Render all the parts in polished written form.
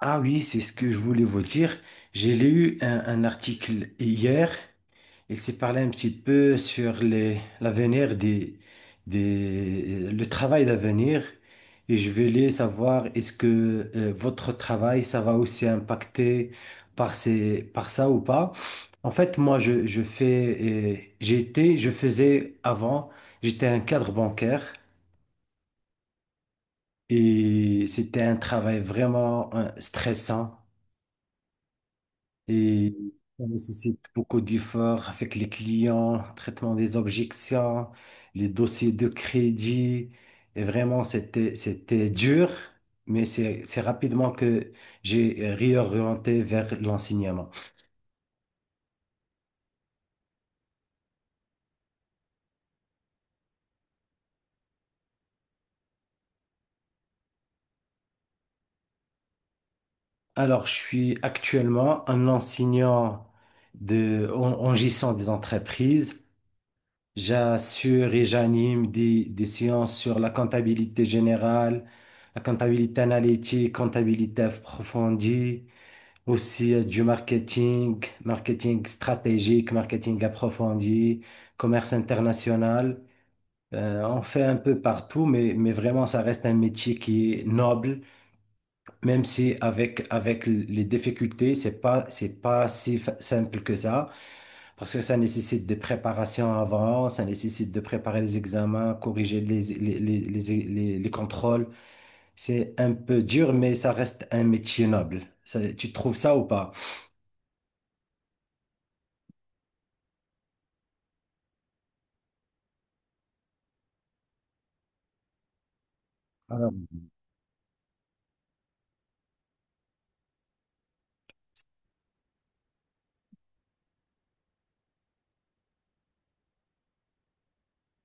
Ah oui, c'est ce que je voulais vous dire. J'ai lu un article hier. Il s'est parlé un petit peu sur l'avenir le travail d'avenir. Et je voulais savoir, est-ce que votre travail, ça va aussi impacter par par ça ou pas? En fait, moi, je fais, je faisais avant, j'étais un cadre bancaire, et c'était un travail vraiment stressant. Et ça nécessite beaucoup d'efforts avec les clients, traitement des objections, les dossiers de crédit. Et vraiment, c'était dur, mais c'est rapidement que j'ai réorienté vers l'enseignement. Alors, je suis actuellement un enseignant en gestion des entreprises. J'assure et j'anime des séances sur la comptabilité générale, la comptabilité analytique, comptabilité approfondie, aussi du marketing, marketing stratégique, marketing approfondi, commerce international. On fait un peu partout, mais vraiment, ça reste un métier qui est noble, même si avec les difficultés, c'est pas si simple que ça, parce que ça nécessite des préparations avant, ça nécessite de préparer les examens, corriger les contrôles. C'est un peu dur, mais ça reste un métier noble. Tu trouves ça ou pas?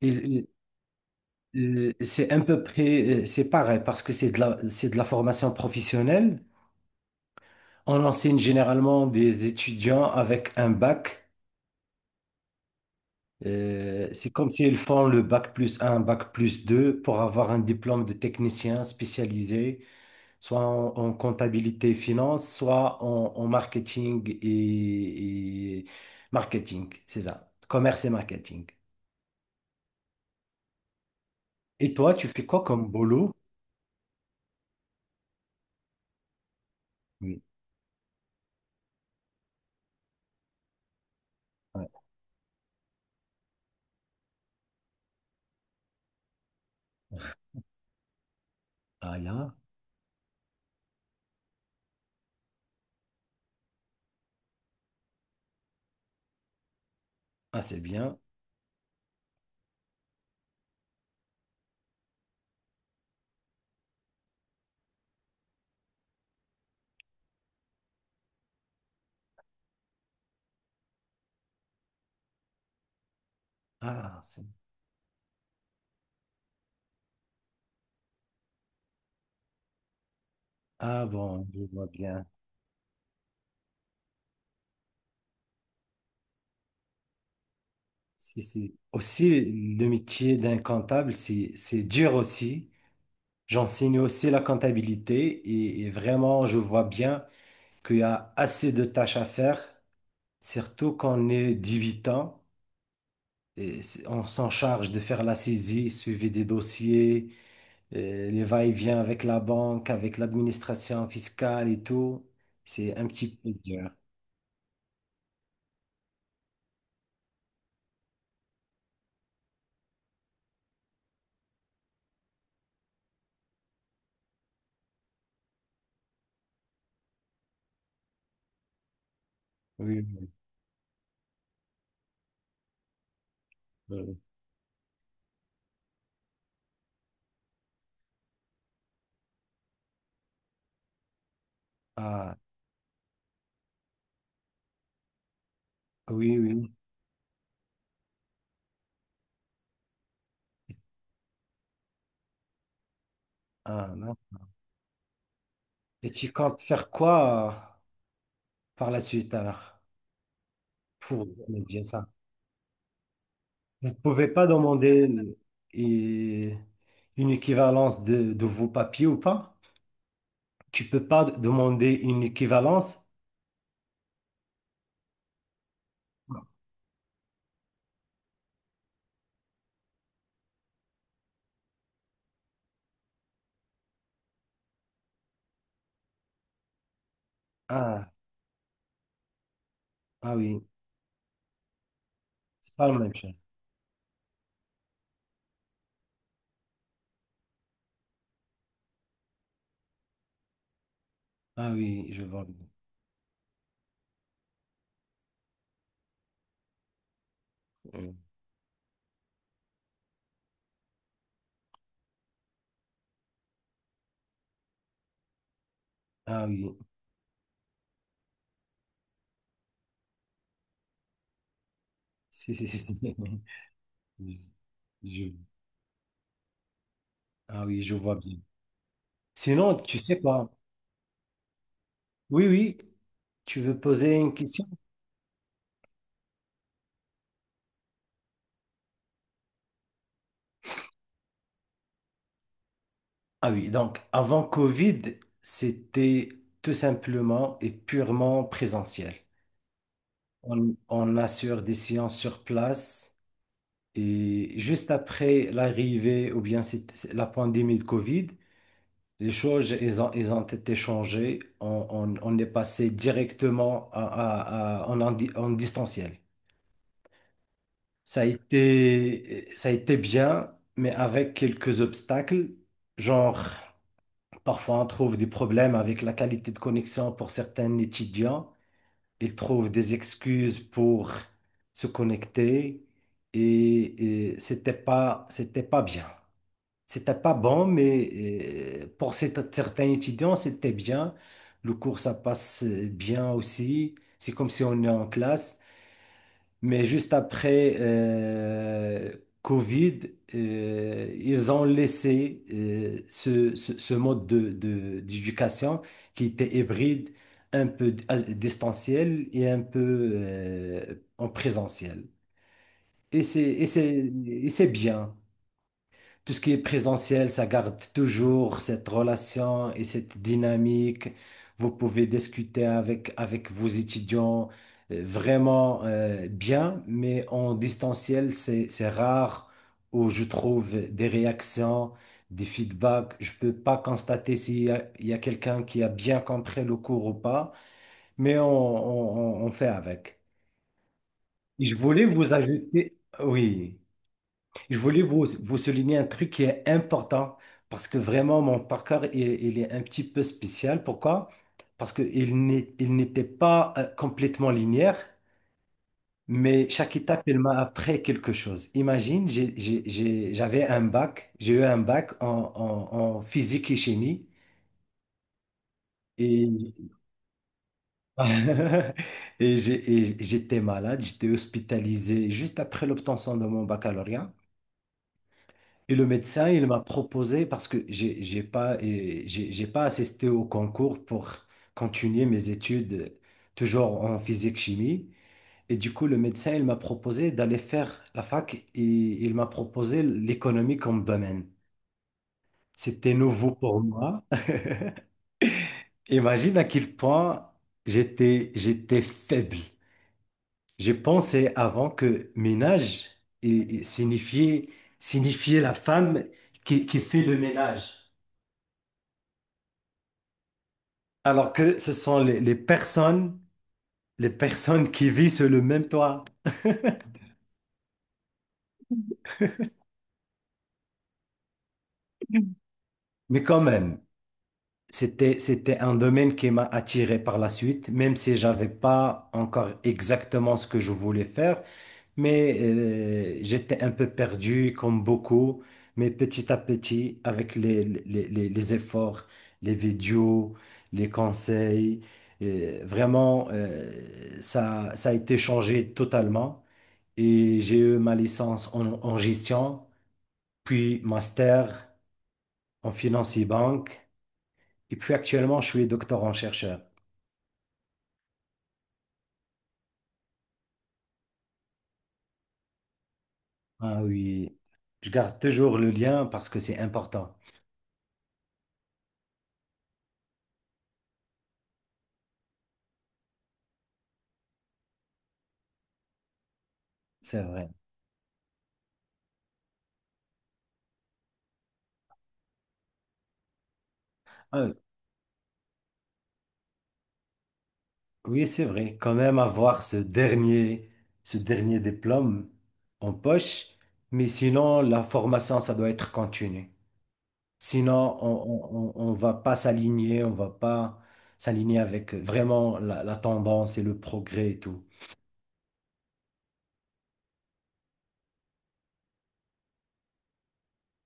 Et, c'est un peu près, c'est pareil parce que c'est de c'est de la formation professionnelle. On enseigne généralement des étudiants avec un bac. C'est comme s'ils font le bac plus un bac plus 2 pour avoir un diplôme de technicien spécialisé, soit en comptabilité et finance, soit en marketing et marketing, c'est ça, commerce et marketing. Et toi, tu fais quoi comme boulot? Oui. Ouais. Ah, y'a. Ah, c'est bien. Ah, c'est. Ah bon, je vois bien. Si, si. Aussi, le métier d'un comptable, c'est dur aussi. J'enseigne aussi la comptabilité et vraiment, je vois bien qu'il y a assez de tâches à faire, surtout quand on est débutant. Et on s'en charge de faire la saisie, suivi des dossiers, les va-et-vient avec la banque, avec l'administration fiscale et tout. C'est un petit peu dur. Oui, oui. Oui. Ah, oui, oui. Ah. Et tu comptes faire quoi par la suite alors pour remédier à ça? Vous ne pouvez pas demander une équivalence de vos papiers ou pas? Tu peux pas demander une équivalence? Ah, ah oui, c'est pas la même chose. Ah oui, je vois bien. Ah oui, si, si, si, si. Je- je- ah oui, je vois bien. Sinon, tu sais quoi? Oui, oui, tu veux poser une question? Ah oui, donc avant Covid, c'était tout simplement et purement présentiel. On assure des séances sur place et juste après l'arrivée ou bien c'est la pandémie de Covid, les choses, elles ont été changées. On est passé directement en, en distanciel. Ça a été bien, mais avec quelques obstacles, genre. Parfois, on trouve des problèmes avec la qualité de connexion pour certains étudiants. Ils trouvent des excuses pour se connecter et c'était pas bien. C'était pas bon, mais pour certains étudiants, c'était bien. Le cours, ça passe bien aussi. C'est comme si on est en classe. Mais juste après Covid, ils ont laissé ce, ce mode d'éducation qui était hybride, un peu distanciel et un peu en présentiel. Et c'est, et c'est, et c'est bien. Tout ce qui est présentiel, ça garde toujours cette relation et cette dynamique. Vous pouvez discuter avec vos étudiants vraiment bien, mais en distanciel, c'est rare où je trouve des réactions, des feedbacks. Je peux pas constater s'il il y a quelqu'un qui a bien compris le cours ou pas, mais on fait avec. Et je voulais vous ajouter, oui. Je voulais vous souligner un truc qui est important, parce que vraiment mon parcours il est un petit peu spécial. Pourquoi? Parce qu'il n'est, il n'était pas complètement linéaire, mais chaque étape elle m'a appris quelque chose. Imagine, j'avais un bac, j'ai eu un bac en physique et chimie et, et et j'étais malade, j'étais hospitalisé juste après l'obtention de mon baccalauréat. Et le médecin, il m'a proposé, parce que j'ai pas assisté au concours pour continuer mes études, toujours en physique-chimie. Et du coup, le médecin, il m'a proposé d'aller faire la fac et il m'a proposé l'économie comme domaine. C'était nouveau pour moi. Imagine à quel point j'étais faible. J'ai pensé avant que ménage et signifiait, signifiait la femme qui fait le ménage. Alors que ce sont les personnes qui vivent sur le même toit. Mais quand même, c'était un domaine qui m'a attiré par la suite, même si j'avais pas encore exactement ce que je voulais faire. Mais j'étais un peu perdu, comme beaucoup. Mais petit à petit, avec les efforts, les vidéos, les conseils, vraiment, ça a été changé totalement. Et j'ai eu ma licence en gestion, puis master en finance et banque. Et puis actuellement, je suis doctorant chercheur. Ah oui, je garde toujours le lien parce que c'est important. C'est vrai. Ah oui, c'est vrai. Quand même avoir ce dernier diplôme en poche, mais sinon, la formation, ça doit être continue. Sinon, on va pas s'aligner, on va pas s'aligner avec vraiment la tendance et le progrès et tout.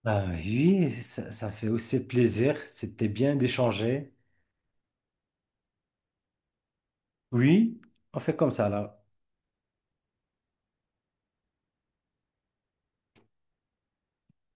Ah oui, ça fait aussi plaisir. C'était bien d'échanger. Oui, on fait comme ça là.